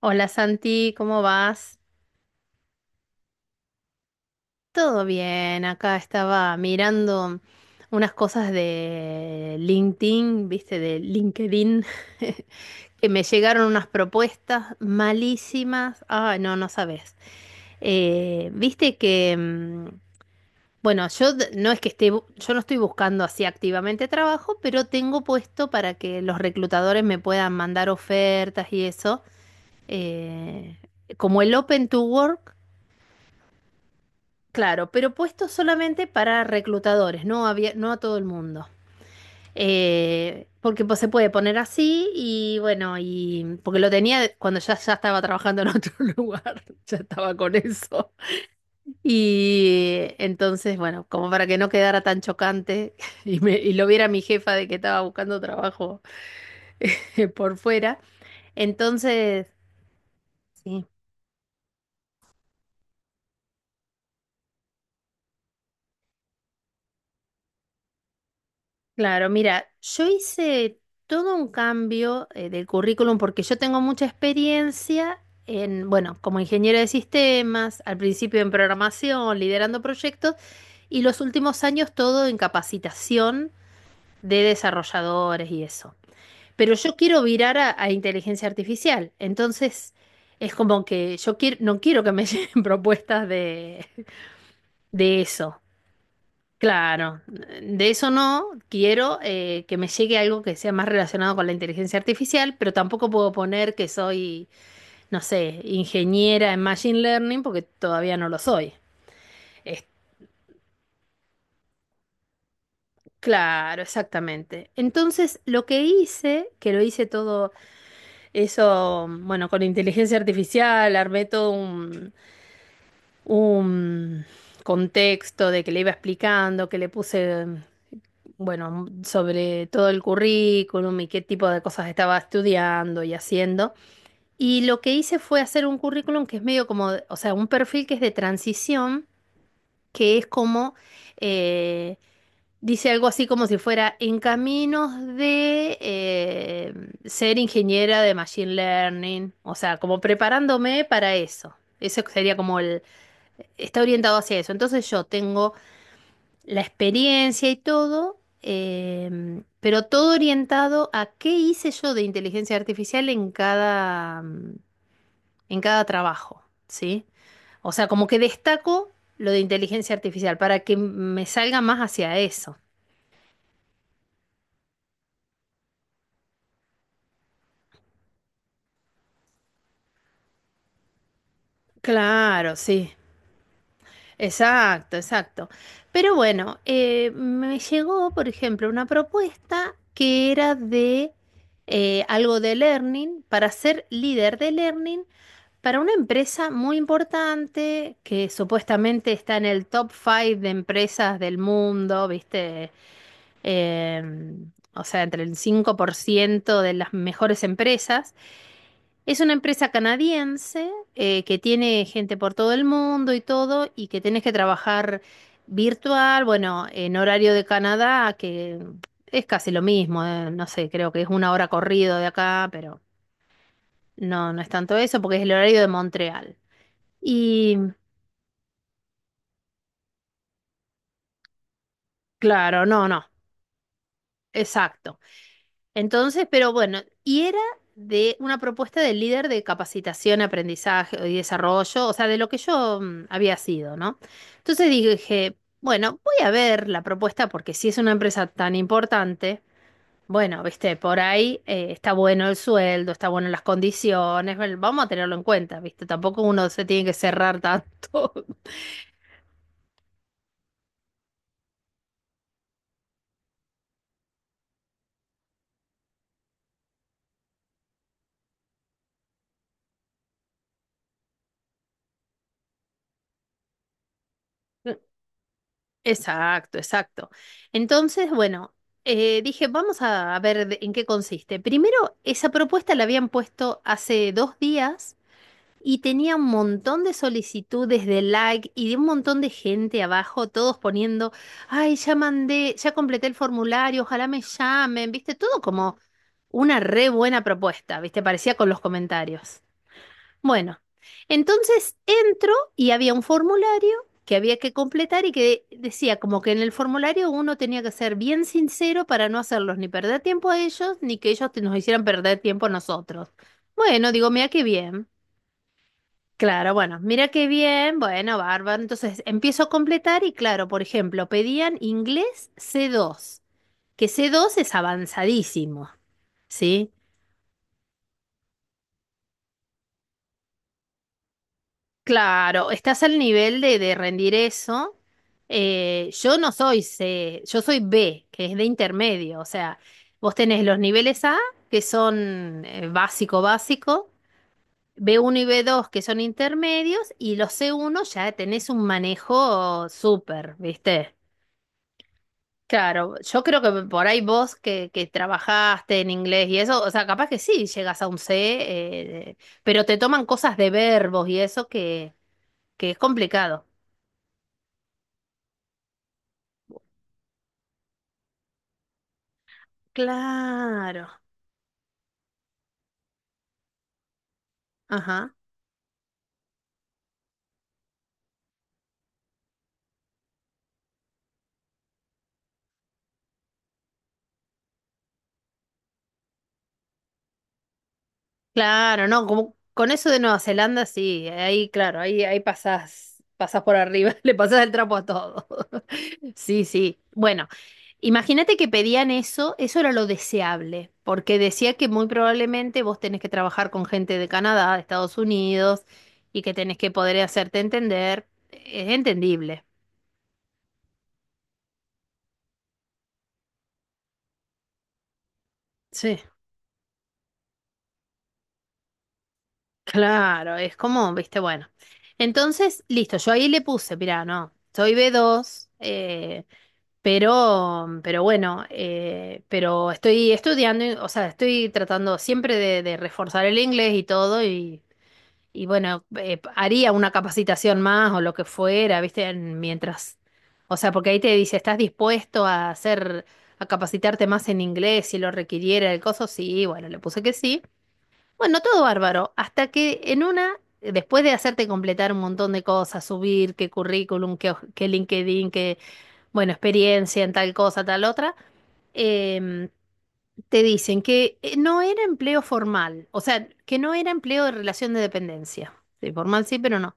Hola Santi, ¿cómo vas? Todo bien, acá estaba mirando unas cosas de LinkedIn, viste, de LinkedIn, que me llegaron unas propuestas malísimas. Ah, no, no sabes. Viste que, bueno, no es que esté, yo no estoy buscando así activamente trabajo, pero tengo puesto para que los reclutadores me puedan mandar ofertas y eso eh, como el Open to Work. Claro, pero puesto solamente para reclutadores, no había, no a todo el mundo. Porque pues, se puede poner así y bueno, y porque lo tenía cuando ya estaba trabajando en otro lugar, ya estaba con eso. Y entonces, bueno, como para que no quedara tan chocante y, y lo viera mi jefa de que estaba buscando trabajo por fuera. Entonces, sí. Claro, mira, yo hice todo un cambio del currículum porque yo tengo mucha experiencia en, bueno, como ingeniero de sistemas, al principio en programación, liderando proyectos y los últimos años todo en capacitación de desarrolladores y eso. Pero yo quiero virar a inteligencia artificial, entonces es como que yo quiero, no quiero que me lleguen propuestas de eso. Claro, de eso no quiero que me llegue algo que sea más relacionado con la inteligencia artificial, pero tampoco puedo poner que soy, no sé, ingeniera en machine learning porque todavía no lo soy. Es- claro, exactamente. Entonces, lo que hice, que lo hice todo eso, bueno, con inteligencia artificial, armé todo un contexto de que le iba explicando, que le puse bueno, sobre todo el currículum y qué tipo de cosas estaba estudiando y haciendo. Y lo que hice fue hacer un currículum que es medio como, o sea, un perfil que es de transición, que es como, eh, dice algo así como si fuera en caminos de ser ingeniera de Machine Learning, o sea, como preparándome para eso. Eso sería como el, está orientado hacia eso. Entonces yo tengo la experiencia y todo, pero todo orientado a qué hice yo de inteligencia artificial en cada, en cada trabajo, ¿sí? O sea, como que destaco lo de inteligencia artificial para que me salga más hacia eso. Claro, sí. Exacto, exacto. Pero bueno, me llegó, por ejemplo, una propuesta que era de algo de learning, para ser líder de learning para una empresa muy importante que supuestamente está en el top 5 de empresas del mundo, ¿viste? O sea, entre el 5% de las mejores empresas. Es una empresa canadiense que tiene gente por todo el mundo y todo, y que tenés que trabajar virtual, bueno, en horario de Canadá, que es casi lo mismo, no sé, creo que es una hora corrido de acá, pero no, no es tanto eso, porque es el horario de Montreal. Y claro, no, no, exacto. Entonces, pero bueno, y era de una propuesta del líder de capacitación, aprendizaje y desarrollo, o sea, de lo que yo había sido, ¿no? Entonces dije, bueno, voy a ver la propuesta porque si es una empresa tan importante, bueno, viste, por ahí está bueno el sueldo, está bueno las condiciones, bueno, vamos a tenerlo en cuenta, viste, tampoco uno se tiene que cerrar tanto. Exacto, exacto. Entonces, bueno, dije, vamos a ver en qué consiste. Primero, esa propuesta la habían puesto hace dos días y tenía un montón de solicitudes de like y de un montón de gente abajo, todos poniendo, ay, ya mandé, ya completé el formulario, ojalá me llamen, viste, todo como una re buena propuesta, viste, parecía con los comentarios. Bueno, entonces entro y había un formulario que había que completar y que decía como que en el formulario uno tenía que ser bien sincero para no hacerlos ni perder tiempo a ellos ni que ellos nos hicieran perder tiempo a nosotros. Bueno, digo, mira qué bien. Claro, bueno, mira qué bien, bueno, bárbaro. Entonces empiezo a completar y claro, por ejemplo, pedían inglés C2, que c dos es avanzadísimo, ¿sí? Claro, estás al nivel de rendir eso. Yo no soy C, yo soy B, que es de intermedio. O sea, vos tenés los niveles A, que son básico, básico, B1 y B2, que son intermedios, y los C1 ya tenés un manejo súper, ¿viste? Claro, yo creo que por ahí vos que trabajaste en inglés y eso, o sea, capaz que sí llegas a un C, eh, pero te toman cosas de verbos y eso que es complicado. Claro, ajá, claro, no, como con eso de Nueva Zelanda, sí, ahí, claro, ahí, ahí pasás, pasás por arriba, le pasás el trapo a todo. Sí, sí. Bueno, imagínate que pedían eso, eso era lo deseable, porque decía que muy probablemente vos tenés que trabajar con gente de Canadá, de Estados Unidos, y que tenés que poder hacerte entender. Es entendible. Claro, es como, viste, bueno. Entonces, listo, yo ahí le puse, mirá, no, soy B2, pero bueno, pero estoy estudiando, o sea, estoy tratando siempre de reforzar el inglés y todo, y bueno, haría una capacitación más o lo que fuera, viste, mientras, o sea, porque ahí te dice, ¿estás dispuesto a hacer, a capacitarte más en inglés si lo requiriera el coso? Sí, bueno, le puse que sí. Bueno, todo bárbaro, hasta que en una, después de hacerte completar un montón de cosas, subir qué currículum, qué, qué LinkedIn, qué, bueno, experiencia en tal cosa, tal otra, em, te dicen que no era empleo formal, o sea, que no era empleo de relación de dependencia. Sí, formal sí, pero no.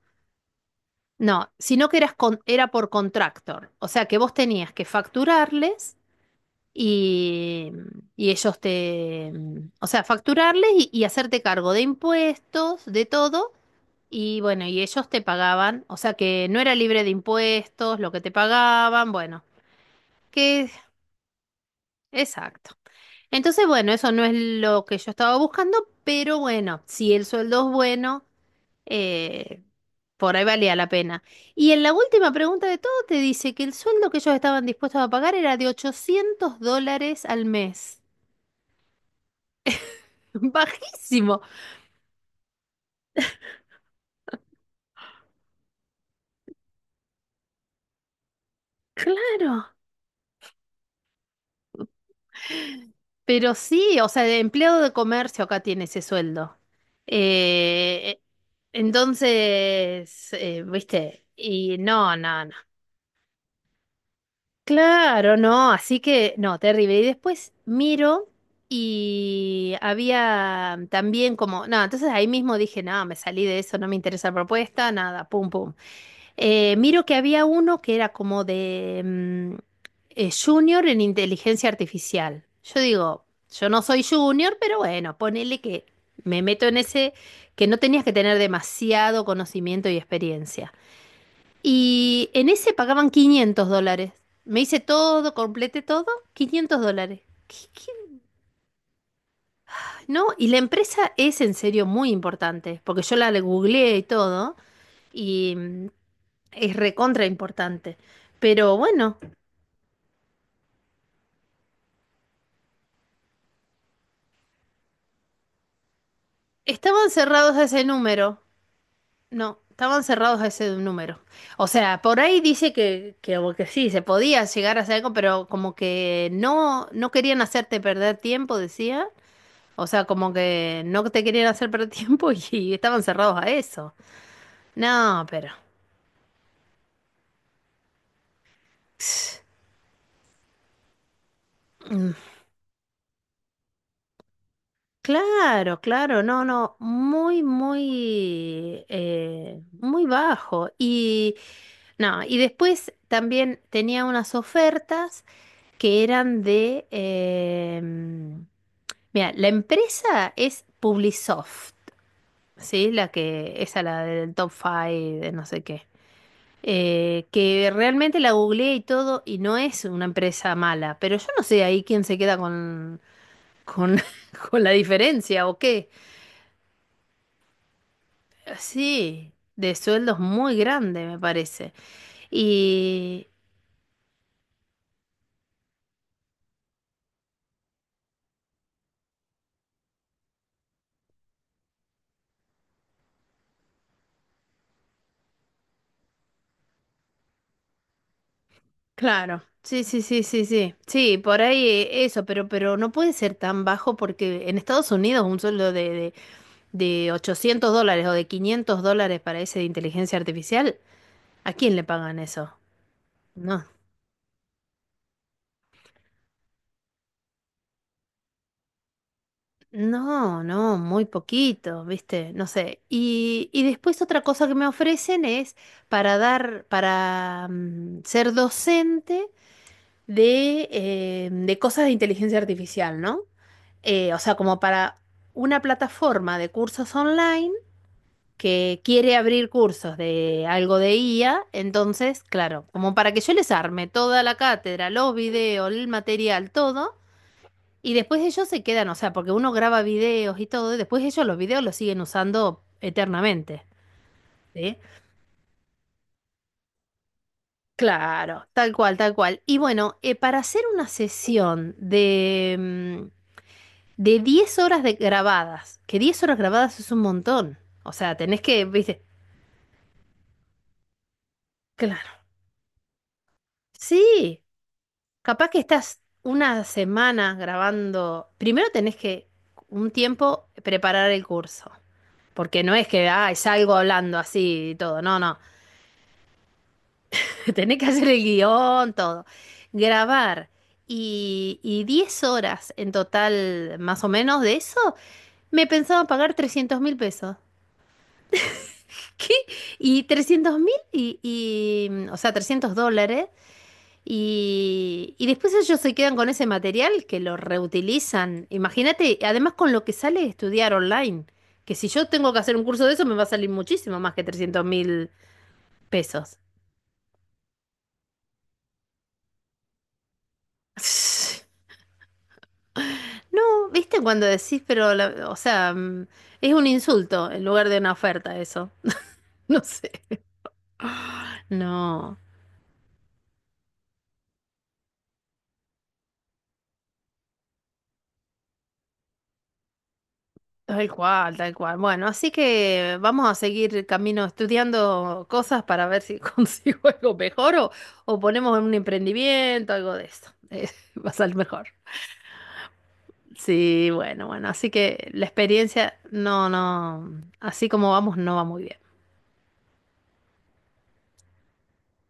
No, sino que eras era por contractor, o sea, que vos tenías que facturarles y, y ellos te, o sea, facturarles y hacerte cargo de impuestos, de todo. Y bueno, y ellos te pagaban, o sea que no era libre de impuestos, lo que te pagaban, bueno, que exacto. Entonces, bueno, eso no es lo que yo estaba buscando, pero bueno, si el sueldo es bueno, eh, por ahí valía la pena. Y en la última pregunta de todo te dice que el sueldo que ellos estaban dispuestos a pagar era de $800 al mes. Bajísimo, claro. Pero sí, o sea, de empleado de comercio acá tiene ese sueldo. Eh, entonces, viste, y no, no, no. Claro, no, así que, no, terrible. Y después miro y había también como, no, entonces ahí mismo dije, no, me salí de eso, no me interesa la propuesta, nada, pum, pum. Miro que había uno que era como de junior en inteligencia artificial. Yo digo, yo no soy junior, pero bueno, ponele que me meto en ese que no tenías que tener demasiado conocimiento y experiencia. Y en ese pagaban $500. Me hice todo, completé todo, $500. ¿Qué- qué? Ay, no, y la empresa es en serio muy importante, porque yo la googleé y todo, y es recontra importante. Pero bueno, estaban cerrados a ese número. No, estaban cerrados a ese número. O sea, por ahí dice o que sí, se podía llegar a hacer algo, pero como que no, no querían hacerte perder tiempo, decía. O sea, como que no te querían hacer perder tiempo y estaban cerrados a eso. No, pero. Mm, claro, claro, no, no, muy, muy, muy bajo. Y no, y después también tenía unas ofertas que eran de… mira, la empresa es Publisoft, ¿sí? La que, esa la del top 5, de no sé qué. Que realmente la googleé y todo y no es una empresa mala, pero yo no sé ahí quién se queda con, con la diferencia o qué. Sí, de sueldos muy grande me parece. Y, claro, sí, sí, sí, sí, sí. Sí, por ahí eso, pero no puede ser tan bajo porque en Estados Unidos un sueldo de $800 o de $500 para ese de inteligencia artificial, ¿a quién le pagan eso? No, no, no, muy poquito, ¿viste? No sé. Y después otra cosa que me ofrecen es para dar, para ser docente de cosas de inteligencia artificial, ¿no? O sea, como para una plataforma de cursos online que quiere abrir cursos de algo de IA, entonces, claro, como para que yo les arme toda la cátedra, los videos, el material, todo, y después ellos se quedan, o sea, porque uno graba videos y todo, y después ellos los videos los siguen usando eternamente, ¿sí? Claro, tal cual, tal cual. Y bueno, para hacer una sesión de, de 10 horas de grabadas, que 10 horas grabadas es un montón. O sea, tenés que, viste, claro. Sí, capaz que estás una semana grabando. Primero tenés que un tiempo preparar el curso. Porque no es que, ay, salgo hablando así y todo. No, no. Tenés que hacer el guión, todo. Grabar. Y 10 horas en total, más o menos, de eso, me pensaba pagar 300.000 pesos. ¿Qué? Y 300.000 y, o sea, $300. Y después ellos se quedan con ese material que lo reutilizan. Imagínate, además con lo que sale estudiar online, que si yo tengo que hacer un curso de eso me va a salir muchísimo más que 300.000 pesos. No, ¿viste cuando decís, pero, o sea, es un insulto en lugar de una oferta eso? No sé. No. Tal cual, tal cual. Bueno, así que vamos a seguir camino estudiando cosas para ver si consigo algo mejor o ponemos en un emprendimiento, algo de eso. Va a salir mejor. Sí, bueno, bueno, así que la experiencia, no, no, así como vamos, no va muy bien.